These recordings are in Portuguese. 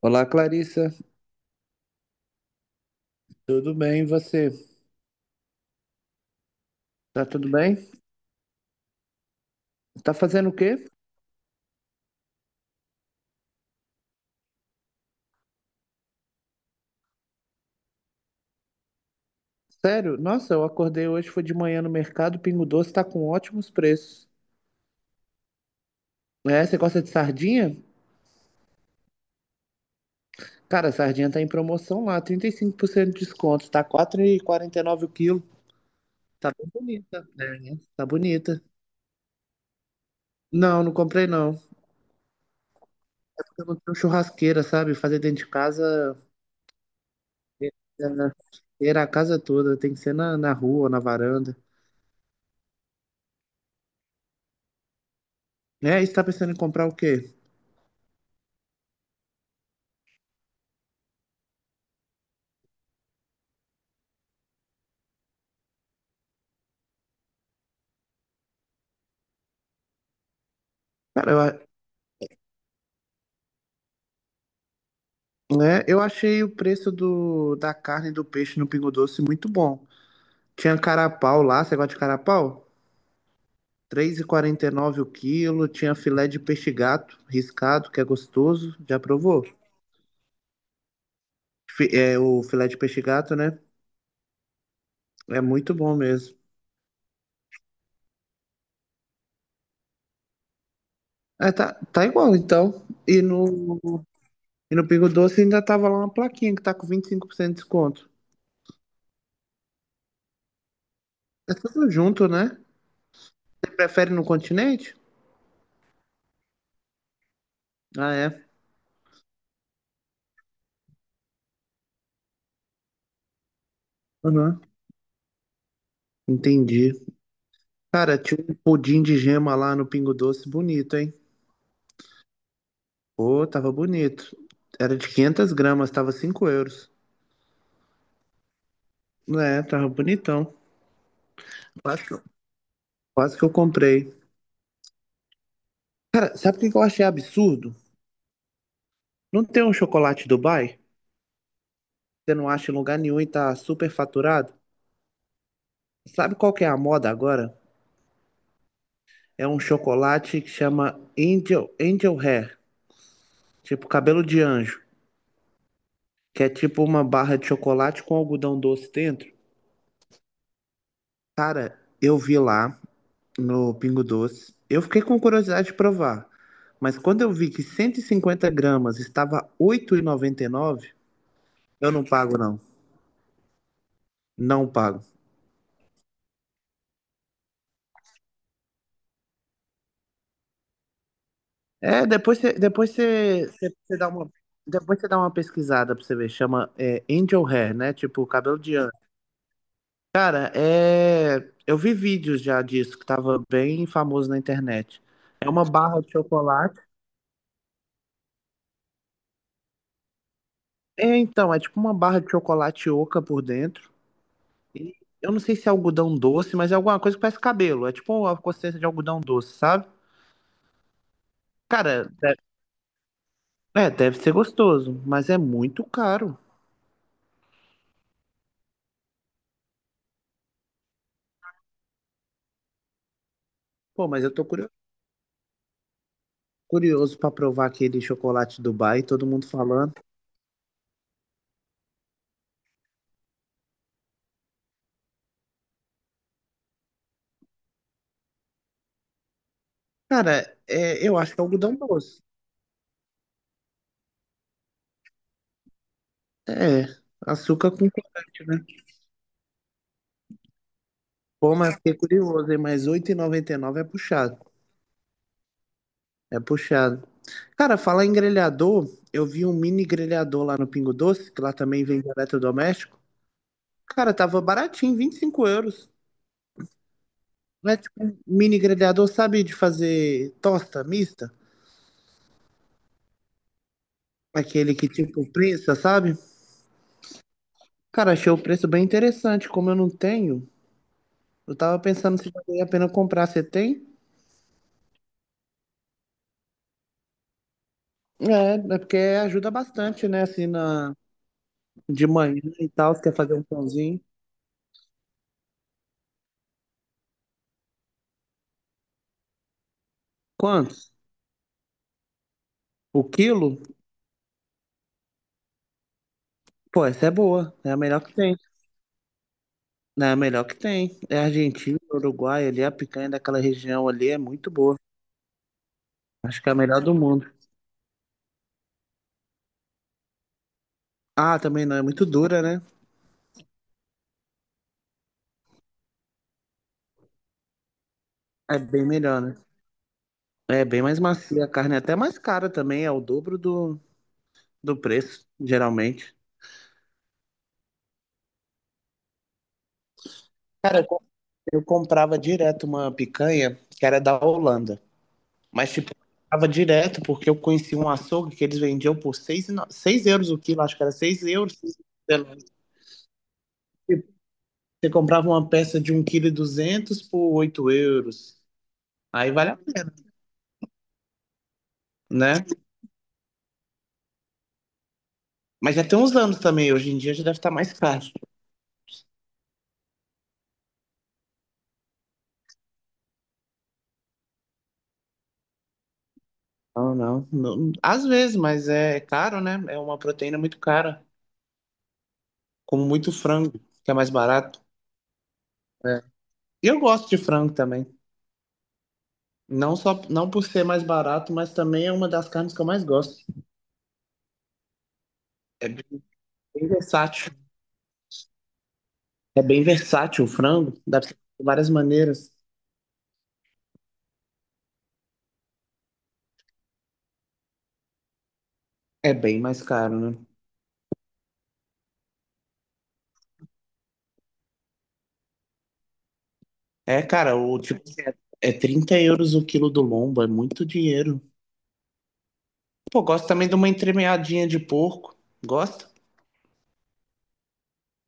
Olá, Clarissa. Tudo bem? E você? Tá tudo bem? Tá fazendo o quê? Sério? Nossa, eu acordei hoje, foi de manhã no mercado, o Pingo Doce tá com ótimos preços. É, você gosta de sardinha? Cara, a sardinha tá em promoção lá, 35% de desconto, tá 4,49 o quilo. Tá bem bonita, né? Tá bonita. Não, não comprei não. Eu não tenho churrasqueira, sabe? Fazer dentro de casa, era a casa toda, tem que ser na rua, na varanda. É, e você tá pensando em comprar o quê? Cara, né? Eu achei o preço da carne e do peixe no Pingo Doce muito bom. Tinha carapau lá, você gosta de carapau? Três e quarenta e nove o quilo. Tinha filé de peixe gato riscado, que é gostoso. Já provou? É, o filé de peixe gato, né? É muito bom mesmo. É, tá, tá igual, então. E no Pingo Doce ainda tava lá uma plaquinha que tá com 25% de desconto. É tudo junto, né? Prefere no continente? Ah, é. Uhum. Entendi. Cara, tinha um pudim de gema lá no Pingo Doce, bonito, hein? Pô, tava bonito. Era de 500 gramas, tava 5 euros. É, tava bonitão. Quase que eu, quase que eu comprei. Cara, sabe o que que eu achei absurdo? Não tem um chocolate Dubai? Você não acha em lugar nenhum e tá super faturado? Sabe qual que é a moda agora? É um chocolate que chama Angel, Angel Hair, tipo cabelo de anjo, que é tipo uma barra de chocolate com algodão doce dentro. Cara, eu vi lá no Pingo Doce. Eu fiquei com curiosidade de provar, mas quando eu vi que 150 gramas estava 8,99, eu não pago não, não pago. É, depois você dá uma pesquisada pra você ver, chama é, Angel Hair, né? Tipo cabelo de anjo. Cara, é, eu vi vídeos já disso que tava bem famoso na internet. É uma barra de chocolate. É, então, é tipo uma barra de chocolate oca por dentro. E Eu não sei se é algodão doce, mas é alguma coisa que parece cabelo. É tipo a consistência de algodão doce, sabe? Cara, é, deve ser gostoso, mas é muito caro. Pô, mas eu tô curioso pra provar aquele chocolate Dubai, todo mundo falando. Cara, é, eu acho que é algodão doce. É, açúcar com corante, né? Pô, mas fiquei curioso, hein? Mas 8,99 é puxado. É puxado. Cara, falar em grelhador, eu vi um mini grelhador lá no Pingo Doce, que lá também vende eletrodoméstico. Cara, tava baratinho, 25 euros. Não é tipo um mini grelhador, sabe, de fazer tosta mista? Aquele que tipo prensa, sabe? Cara, achei o preço bem interessante. Como eu não tenho, eu tava pensando se valia a pena comprar. Você tem? É, é porque ajuda bastante, né? Assim, na... de manhã e tal, você quer fazer um pãozinho. Quantos? O quilo? Pô, essa é boa. É a melhor que tem. É a melhor que tem. É Argentina, Uruguai, ali, a picanha daquela região ali é muito boa. Acho que é a melhor do mundo. Ah, também não é muito dura, né? É bem melhor, né? É bem mais macia a carne, é até mais cara também, é o dobro do preço, geralmente. Cara, eu comprava direto uma picanha que era da Holanda, mas tipo, eu comprava direto porque eu conheci um açougue que eles vendiam por seis euros o quilo, acho que era 6 euros. Sei lá. Você comprava uma peça de um 1,2 kg por 8 euros, aí vale a pena, né? Mas já tem uns anos também, hoje em dia já deve estar mais caro. Não, não, não. Às vezes, mas é caro, né? É uma proteína muito cara, como muito frango, que é mais barato. É. E eu gosto de frango também. Não só, não por ser mais barato, mas também é uma das carnes que eu mais gosto. É bem versátil. É bem versátil o frango, dá pra ser de várias maneiras. É bem mais caro, né? É, cara, o tipo é 30 € o quilo do lombo, é muito dinheiro. Pô, gosto também de uma entremeadinha de porco. Gosto.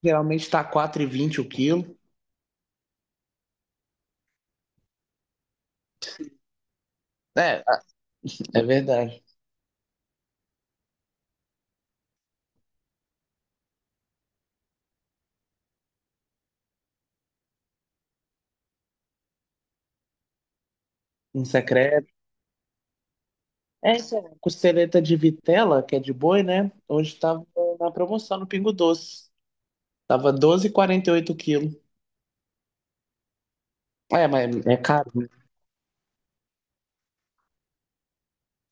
Geralmente tá 4,20 o quilo. É, é, verdade. Um secreto. Essa costeleta de vitela, que é de boi, né? Hoje tava na promoção no Pingo Doce. Tava 12,48 quilo. É, mas é caro.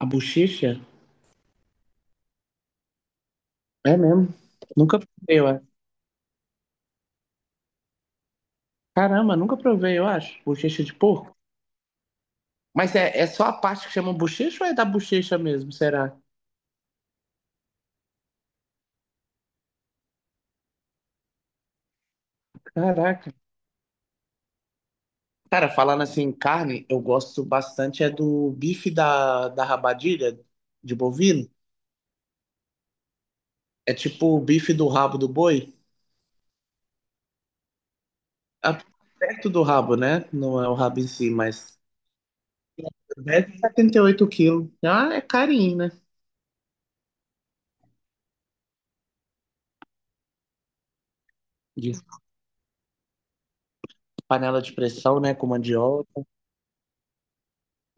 A bochecha? É mesmo. Nunca provei, eu acho. Caramba, nunca provei, eu acho. Bochecha de porco. Mas é, é só a parte que chama bochecha ou é da bochecha mesmo, será? Caraca. Cara, falando assim em carne, eu gosto bastante é do bife da rabadilha de bovino. É tipo o bife do rabo do boi. a- Perto do rabo, né? Não é o rabo em si, mas deve 78 quilos. Ah, é carinho, né? De panela de pressão, né? Com mandioca,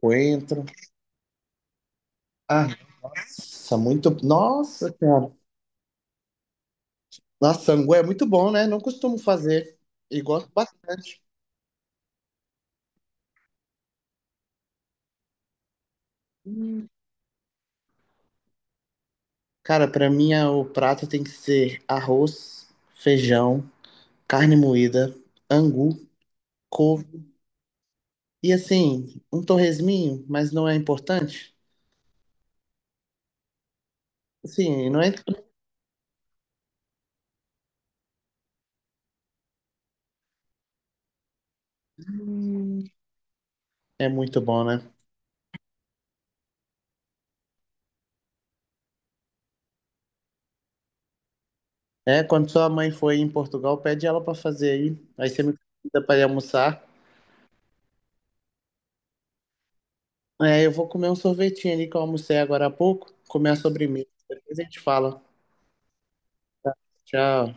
coentro. Ah, nossa, muito. Nossa, cara. Nossa, sangue é muito bom, né? Não costumo fazer e gosto bastante. Hum. Cara, pra mim o prato tem que ser arroz, feijão, carne moída, angu, couve e assim, um torresminho, mas não é importante. Assim, não é. É muito bom, né? É, quando sua mãe for aí em Portugal, pede ela pra fazer aí. Aí você me convida pra ir almoçar. É, eu vou comer um sorvetinho ali que eu almocei agora há pouco, comer a sobremesa. Depois a gente fala. Tchau.